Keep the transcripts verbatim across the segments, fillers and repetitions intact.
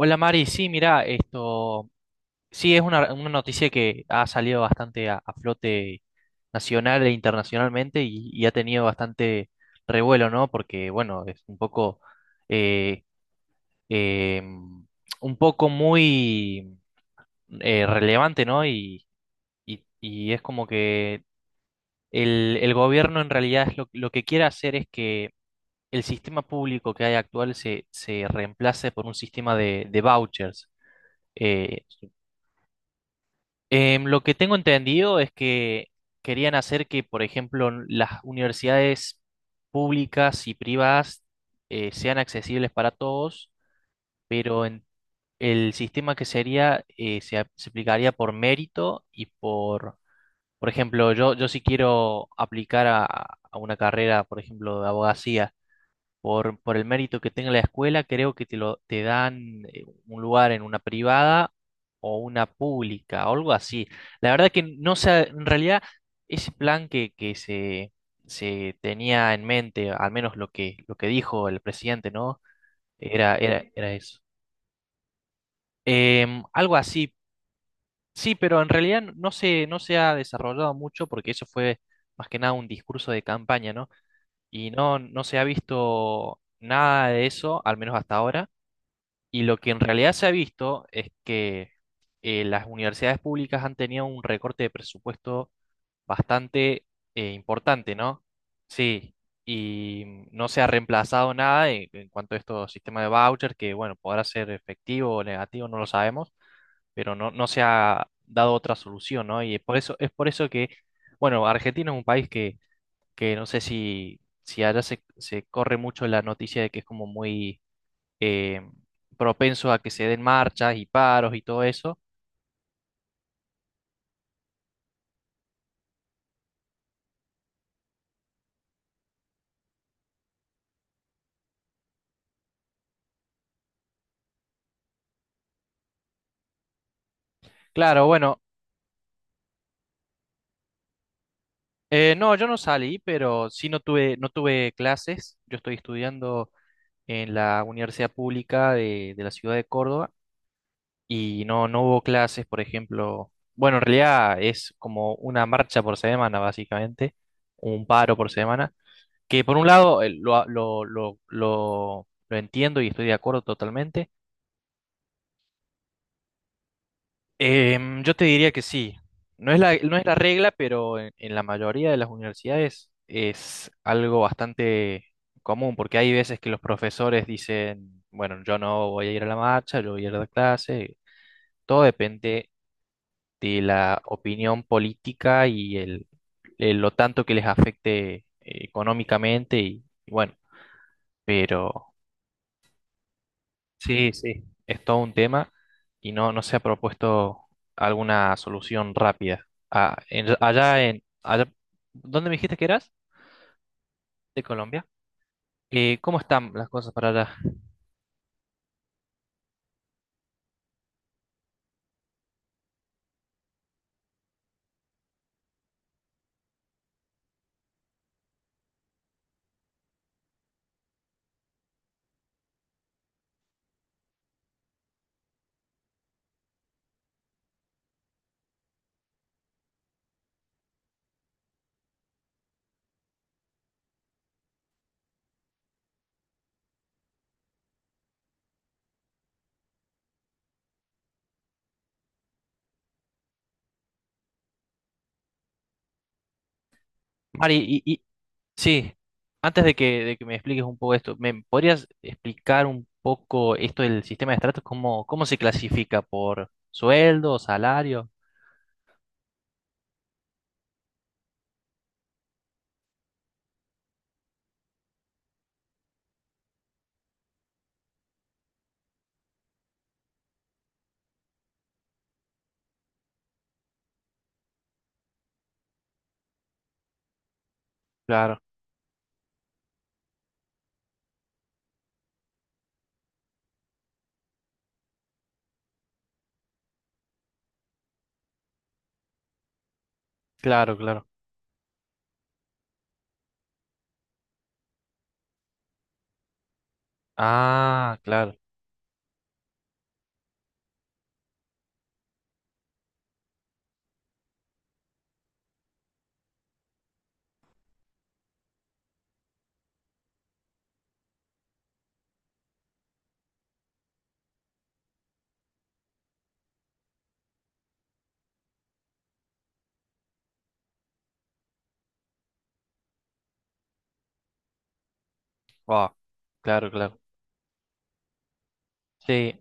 Hola Mari, sí, mira, esto sí es una, una noticia que ha salido bastante a, a flote nacional e internacionalmente y, y ha tenido bastante revuelo, ¿no? Porque, bueno, es un poco, eh, eh, un poco muy eh, relevante, ¿no? Y, y- y es como que el, el gobierno en realidad es lo, lo que quiere hacer es que el sistema público que hay actual se, se reemplace por un sistema de, de vouchers. eh, Em, lo que tengo entendido es que querían hacer que, por ejemplo, n- las universidades públicas y privadas eh, sean accesibles para todos, pero en- el sistema que sería eh, se, ap- se aplicaría por mérito y por, por ejemplo, yo, yo si quiero aplicar a, a una carrera, por ejemplo, de abogacía por, por el mérito que tenga la escuela, creo que te lo, te dan eh, un lugar en una privada o una pública, o algo así. La verdad que no sé, en realidad ese plan que, que se, se tenía en mente, al menos lo que, lo que dijo el presidente, ¿no? Era, era, era eso. Em, algo así, sí, pero en realidad no no se, no se ha desarrollado mucho porque eso fue más que nada un discurso de campaña, ¿no? Y no, no se ha visto nada de eso, al menos hasta ahora. Y lo que en realidad se ha visto es que eh, las universidades públicas han tenido un recorte de presupuesto bastante eh, importante, ¿no? Sí, y no se ha reemplazado nada en, en cuanto a estos sistemas de vouchers, que bueno, podrá ser efectivo o negativo, no lo sabemos, pero no, no se ha dado otra solución, ¿no? Y es por eso, es por eso que, bueno, Argentina es un país que, que no sé si, si allá se, se corre mucho la noticia de que es como muy eh, propensos a que se den marchas y paros y todo eso. Claro, bueno, eh, no, yo no salí, pero sí no tuve, no tuve clases. Yo estoy estudiando en la Universidad Pública de, de la ciudad de Córdoba y no, no hubo clases, por ejemplo. Bueno, en realidad es como una marcha por semana, básicamente, un paro por semana, que por un lado eh, lo, lo, lo, lo lo entiendo y estoy de acuerdo totalmente. Em, yo te diría que sí. No es la, no es la regla, pero en, en la mayoría de las universidades es algo bastante común, porque hay veces que los profesores dicen, bueno, yo no voy a ir a la marcha, yo voy a ir a la clase. Todo depende de la opinión política y el, el- lo tanto que les afecte eh, económicamente y, y bueno, pero sí, sí, es todo un tema y no, no se ha propuesto alguna solución rápida. Ah, en- allá en, allá, ¿dónde me dijiste que eras? De Colombia. Eh, ¿cómo están las cosas para allá? Mari, y, y- sí, antes de que, de que me expliques un poco esto, ¿me podrías explicar un poco esto del sistema de estratos? ¿Cómo, cómo se clasifica? ¿Por sueldo, salario? Claro, claro, claro. Ah, claro. Wow, claro, claro. Sí,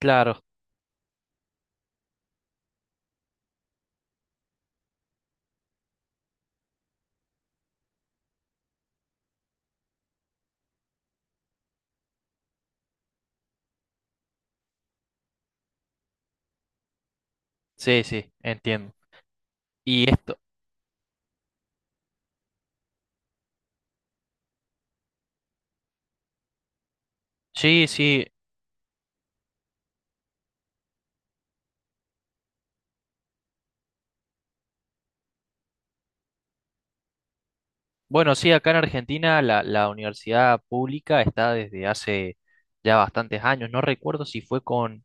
claro. Sí, sí, entiendo. Y esto, sí, sí. Bueno, sí, acá en Argentina la, la universidad pública está desde hace ya bastantes años. No recuerdo si fue con,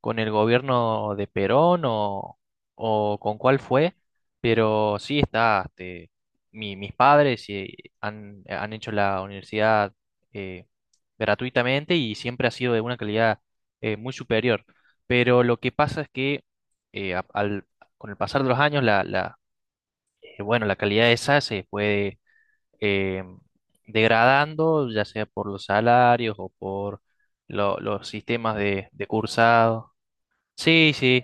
con el gobierno de Perón o, o con cuál fue, pero sí está, este, mi- mis padres eh, han, han hecho la universidad eh, gratuitamente y siempre ha sido de una calidad eh, muy superior. Pero lo que pasa es que eh, a- al- con el pasar de los años eh, bueno, la calidad esa se puede eh, degradando, ya sea por los salarios o por lo- los sistemas de, de cursado. Sí, sí.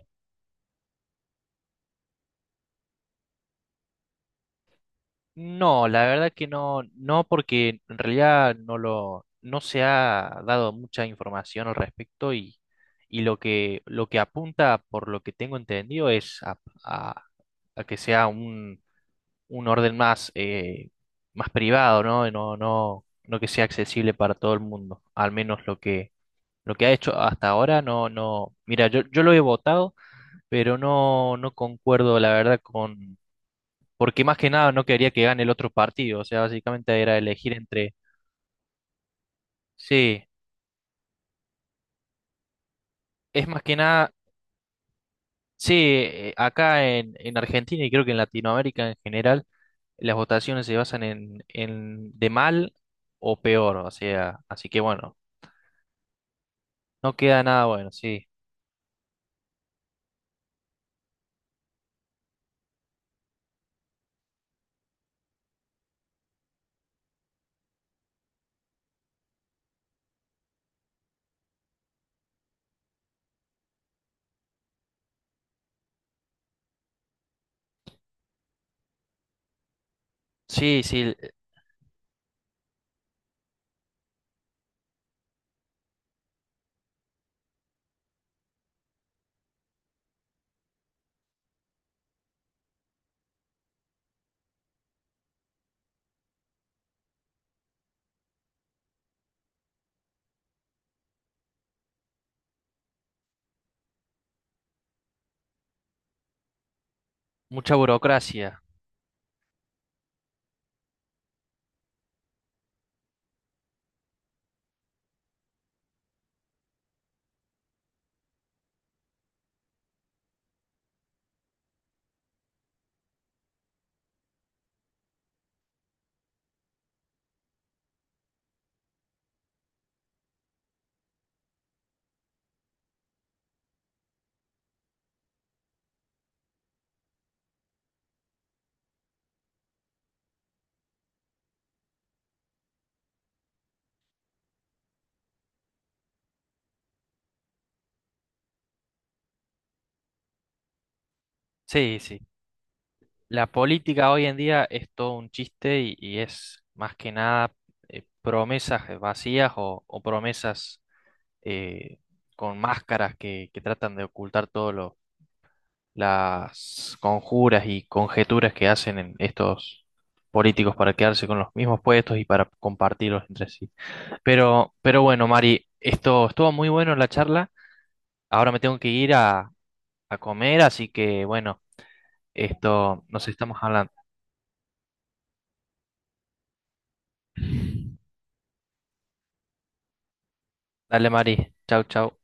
No, la verdad que no, no, porque en realidad no lo, no se ha dado mucha información al respecto y, y lo que, lo que apunta, por lo que tengo entendido, es a, a- a que sea un orden más, eh, más privado, ¿no? No, no, no que sea accesible para todo el mundo. Al menos lo que, lo que ha hecho hasta ahora, no, no. Mira, yo, yo lo he votado, pero no, no concuerdo, la verdad, con. Porque más que nada no quería que gane el otro partido. O sea, básicamente era elegir entre. Sí, es más que nada. Sí, eh, acá en, en Argentina y creo que en Latinoamérica en general, las votaciones se basan en, en de mal o peor. O sea, así que bueno. No queda nada bueno, sí. Sí, sí, l- eh, mucha burocracia. Sí, sí. La política hoy en día es todo un chiste y, y es más que nada eh, promesas eh, vacías o, o promesas eh, con máscaras que, que tratan de ocultar todas las conjuras y conjeturas que hacen en estos políticos para quedarse con los mismos puestos y para compartirlos entre sí. Pero, pero bueno, Mari, esto estuvo muy bueno la charla. Ahora me tengo que ir a comer, así que bueno, esto nos estamos hablando. Dale, Mari. Chau, chau.